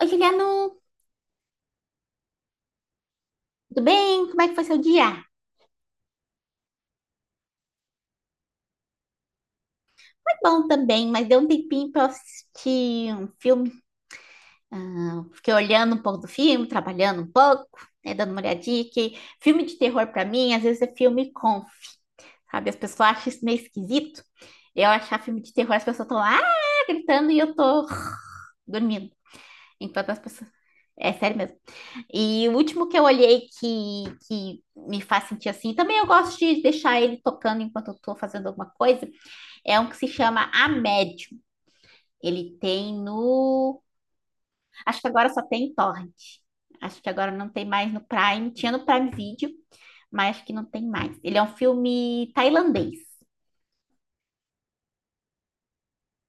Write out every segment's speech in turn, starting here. Oi, Juliano, tudo bem? Como é que foi seu dia? Foi bom também, mas deu um tempinho para assistir um filme. Ah, fiquei olhando um pouco do filme, trabalhando um pouco, né, dando uma olhadinha, que filme de terror para mim, às vezes é filme conf, sabe? As pessoas acham isso meio esquisito. Eu achar filme de terror, as pessoas estão lá gritando e eu tô dormindo. Então as pessoas. É sério mesmo. E o último que eu olhei que me faz sentir assim, também eu gosto de deixar ele tocando enquanto eu tô fazendo alguma coisa. É um que se chama A Médium. Ele tem no. Acho que agora só tem em Torrent. Acho que agora não tem mais no Prime. Tinha no Prime Video, mas acho que não tem mais. Ele é um filme tailandês.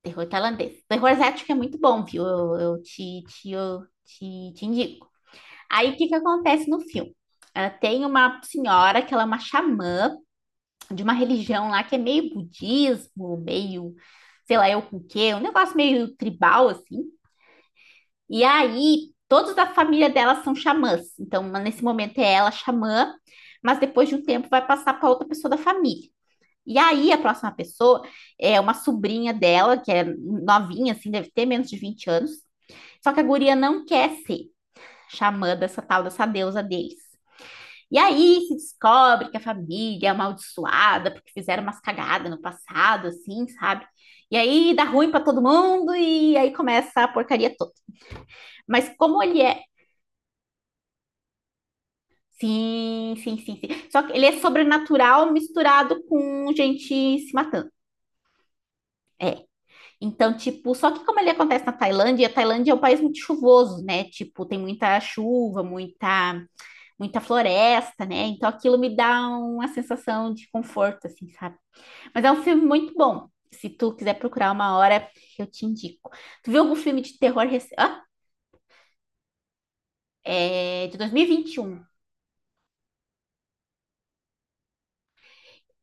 Terror tailandês. Terror asiático é muito bom, viu? Eu te indico. Aí o que que acontece no filme? Ah, tem uma senhora que ela é uma xamã de uma religião lá que é meio budismo, meio, sei lá, eu com o quê, um negócio meio tribal, assim. E aí, todos da família dela são xamãs. Então, uma- nesse momento é ela xamã, mas depois de um tempo vai passar para outra pessoa da família. E aí, a próxima pessoa é uma sobrinha dela, que é novinha, assim, deve ter menos de 20 anos. Só que a guria não quer ser xamã dessa tal, dessa deusa deles. E aí se descobre que a família é amaldiçoada porque fizeram umas cagadas no passado, assim, sabe? E aí dá ruim para todo mundo e aí começa a porcaria toda. Mas como ele é. Sim, sim, sim, sim. Só que ele é sobrenatural misturado com gente se matando. Então, tipo, só que como ele acontece na Tailândia, a Tailândia é um país muito chuvoso, né? Tipo, tem muita chuva, muita, muita floresta, né? Então aquilo me dá uma sensação de conforto, assim, sabe? Mas é um filme muito bom. Se tu quiser procurar uma hora, eu te indico. Tu viu algum filme de terror recente? Ah, é de dois mil e vinte e um.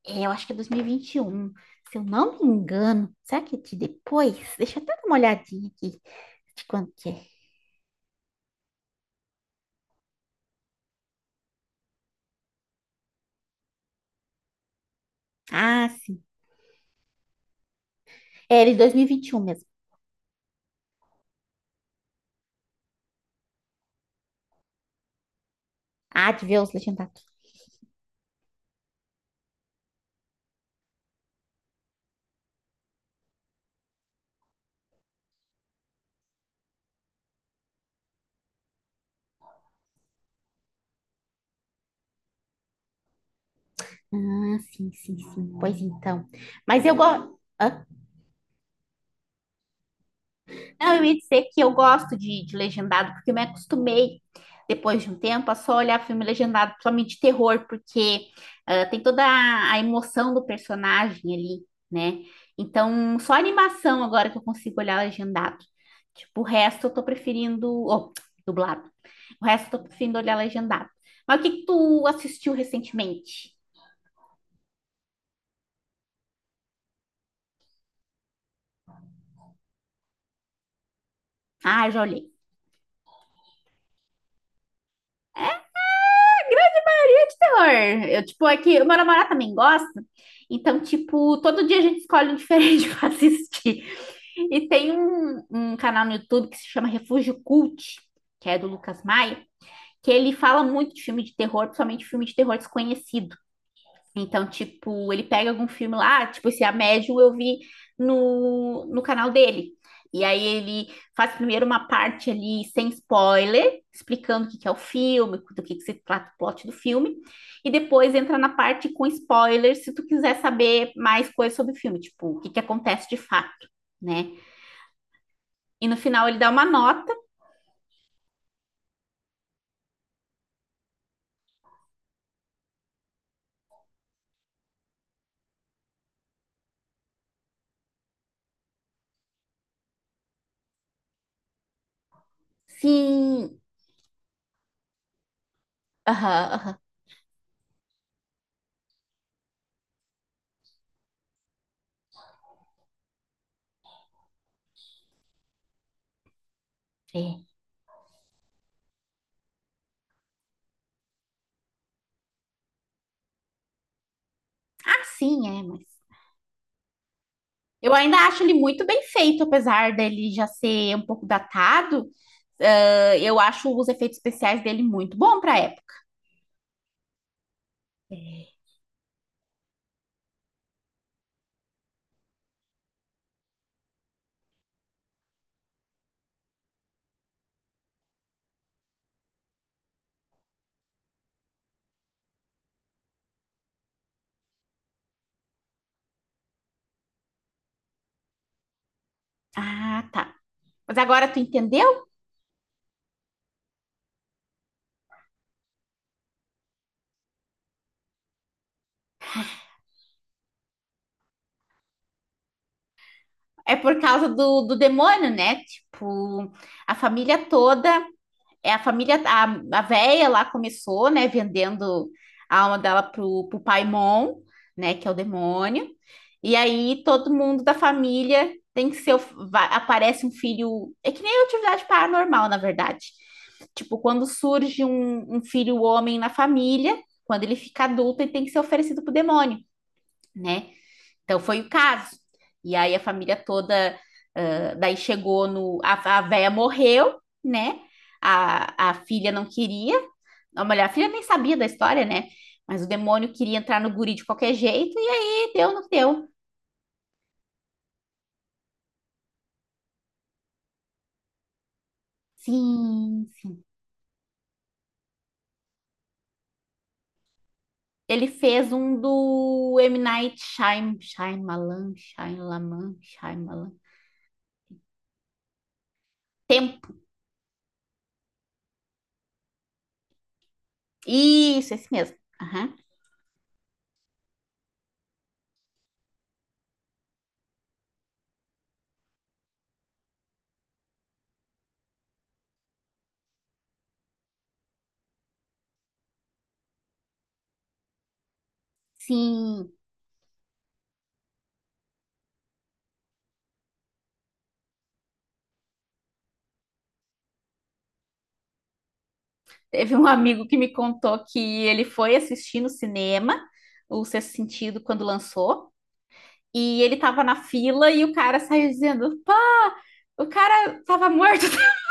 É, eu acho que é dois mil e vinte e um, se eu não me engano. Será que é de depois? Deixa eu até dar uma olhadinha aqui de quando que é. Ah, sim. É, ele de 2021 mesmo. Ah, de ver os legendados. Ah, sim, sim, sim. Pois então. Mas eu gosto. Não, eu ia dizer que eu gosto de legendado, porque eu me acostumei, depois de um tempo, a só olhar filme legendado, principalmente de terror, porque tem toda a emoção do personagem ali, né? Então, só animação agora que eu consigo olhar legendado. Tipo, o resto eu tô preferindo. Oh, dublado. O resto eu tô preferindo olhar legendado. Mas o que que tu assistiu recentemente? Ah, já olhei. Terror. Eu, tipo, é que o meu namorado também gosta. Então, tipo, todo dia a gente escolhe um diferente pra assistir. E tem um canal no YouTube que se chama Refúgio Cult, que é do Lucas Maia, que ele fala muito de filme de terror, principalmente filme de terror desconhecido. Então, tipo, ele pega algum filme lá, tipo, esse A Médium eu vi no canal dele. E aí ele faz primeiro uma parte ali sem spoiler, explicando o que que é o filme, do que se trata o plot do filme, e depois entra na parte com spoiler, se tu quiser saber mais coisas sobre o filme, tipo, o que que acontece de fato, né? E no final ele dá uma nota. Sim. Aham, aham. É. Ah, sim, é, mas Eu ainda acho ele muito bem feito, apesar dele já ser um pouco datado. Ah, eu acho os efeitos especiais dele muito bom para época. Ah, tá. Mas agora tu entendeu? É por causa do demônio, né? Tipo, a família toda é a família, a véia lá começou, né, vendendo a alma dela pro Paimon, né, que é o demônio. E aí todo mundo da família tem que ser, o- vai- aparece um filho, é que nem atividade paranormal, na verdade. Tipo, quando surge um filho homem na família, quando ele fica adulto, ele tem que ser oferecido pro demônio, né? Então foi o caso. E aí a família toda, ah, daí chegou no, a véia morreu, né? A filha não queria, a mulher, a filha nem sabia da história, né? Mas o demônio queria entrar no guri de qualquer jeito, e aí deu no que deu. Sim, sim. Ele fez um do M. Night Shyam- Shyamalan, Shyamalan, Shyamalan. Tempo. Isso, esse mesmo. Aham. Sim. Teve um amigo que me contou que ele foi assistir no cinema o Sexto Sentido quando lançou, e ele tava na fila e o cara saiu dizendo: pá, o cara tava morto.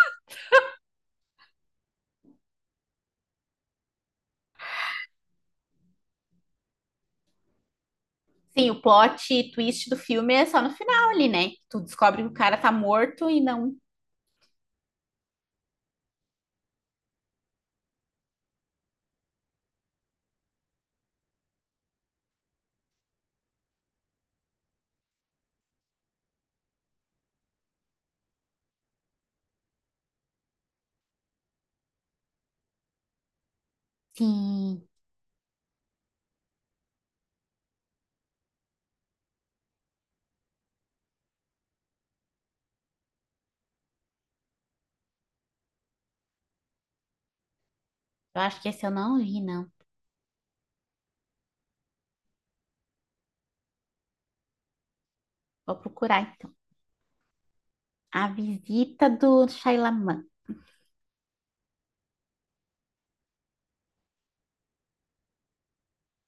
Sim, o plot twist do filme é só no final ali, né? Tu descobre que o cara tá morto e não. Sim, eu acho que esse eu não vi, não. Vou procurar então. A Visita do Shyamalan.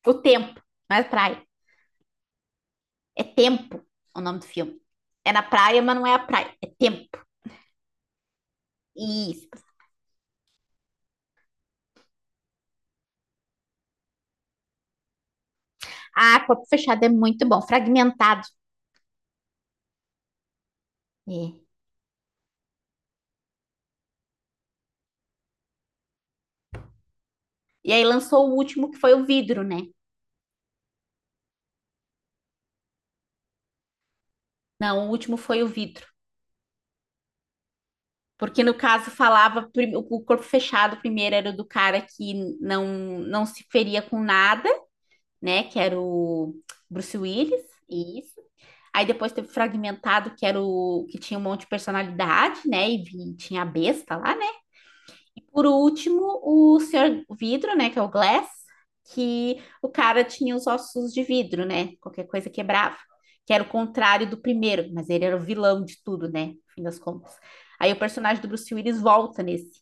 O Tempo, não é praia. É Tempo o nome do filme. É na praia, mas não é a praia. É Tempo. Isso. Ah, corpo fechado é muito bom, fragmentado. É. E aí lançou o último que foi o vidro, né? Não, o último foi o vidro. Porque no caso falava prim- o corpo fechado primeiro era o do cara que não não se feria com nada, né? Que era o Bruce Willis, isso. Aí depois teve o fragmentado, que era o que tinha um monte de personalidade, né? E vi- tinha a besta lá, né? Por último, o senhor Vidro, né, que é o Glass, que o cara tinha os ossos de vidro, né? Qualquer coisa quebrava, que era o contrário do primeiro, mas ele era o vilão de tudo, né? No fim das contas. Aí o personagem do Bruce Willis volta nesse.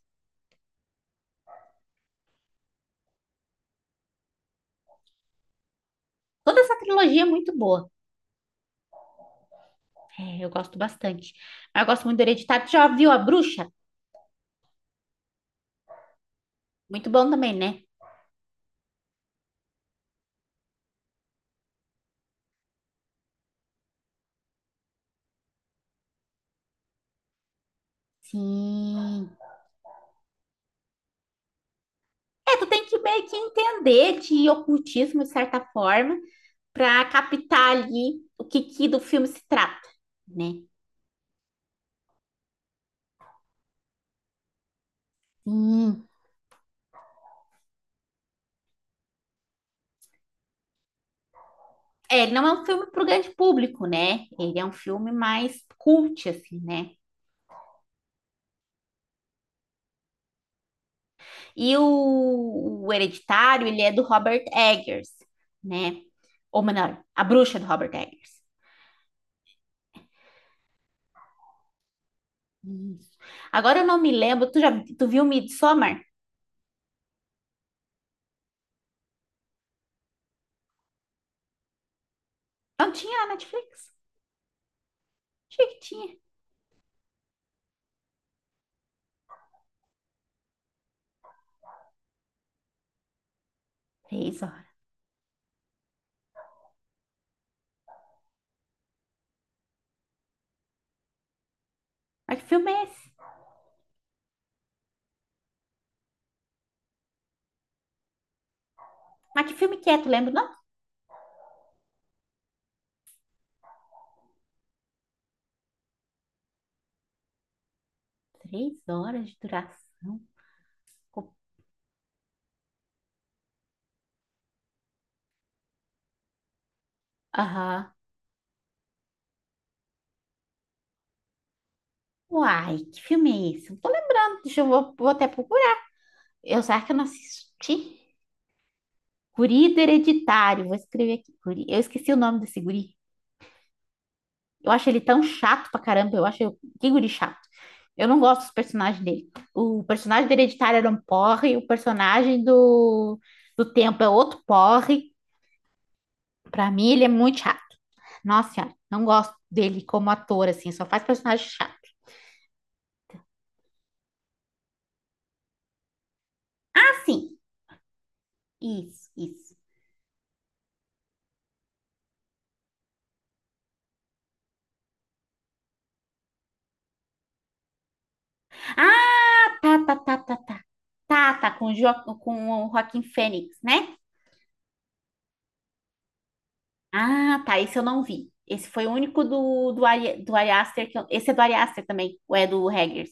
Toda essa trilogia é muito boa. É, eu gosto bastante. Mas eu gosto muito do Hereditário. Tu já viu A Bruxa? Muito bom também, né? Sim. É, tu tem que meio que entender de ocultismo, de certa forma, para captar ali o que, que do filme se trata, né? Sim. É, ele não é um filme para o grande público, né? Ele é um filme mais cult, assim, né? E o Hereditário, ele é do Robert Eggers, né? Ou melhor, a bruxa do Robert Eggers. Isso. Agora eu não me lembro, tu já tu viu Midsommar? Não tinha na Netflix? Achei que tinha. Três horas. Mas que filme é esse? Mas que filme que é? Tu lembra? Não? 3 horas de duração. Co- Aham. Uai, que filme é esse? Não tô lembrando. Deixa eu vou, vou até procurar. Eu sei que eu não assisti. Guri do Hereditário. Vou escrever aqui. Guri. Eu esqueci o nome desse guri. Eu acho ele tão chato pra caramba. Eu acho ele- que guri chato. Eu não gosto dos personagens dele. O personagem do Hereditário era um porre. O personagem do Tempo é outro porre. Pra mim, ele é muito chato. Nossa senhora, não gosto dele como ator, assim. Só faz personagem chato. Assim, isso, isso. Ah, tá, tá, tá, tá, tá. Tá, tá, com o, jo com o Joaquin Fênix, né? Ah, tá, esse eu não vi. Esse foi o único do, do Ari Aster que eu- Esse é do Ari Aster também, ou é do Eggers?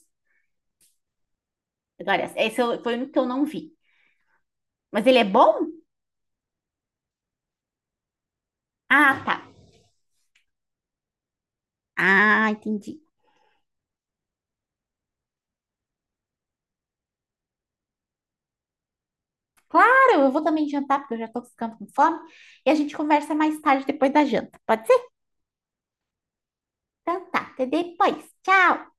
É do Ari Aster. Esse eu- foi o único que eu não vi. Mas ele é bom? Ah, tá. Ah, entendi. Claro, eu vou também jantar, porque eu já tô ficando com fome. E a gente conversa mais tarde, depois da janta. Pode ser? Então tá, até depois. Tchau!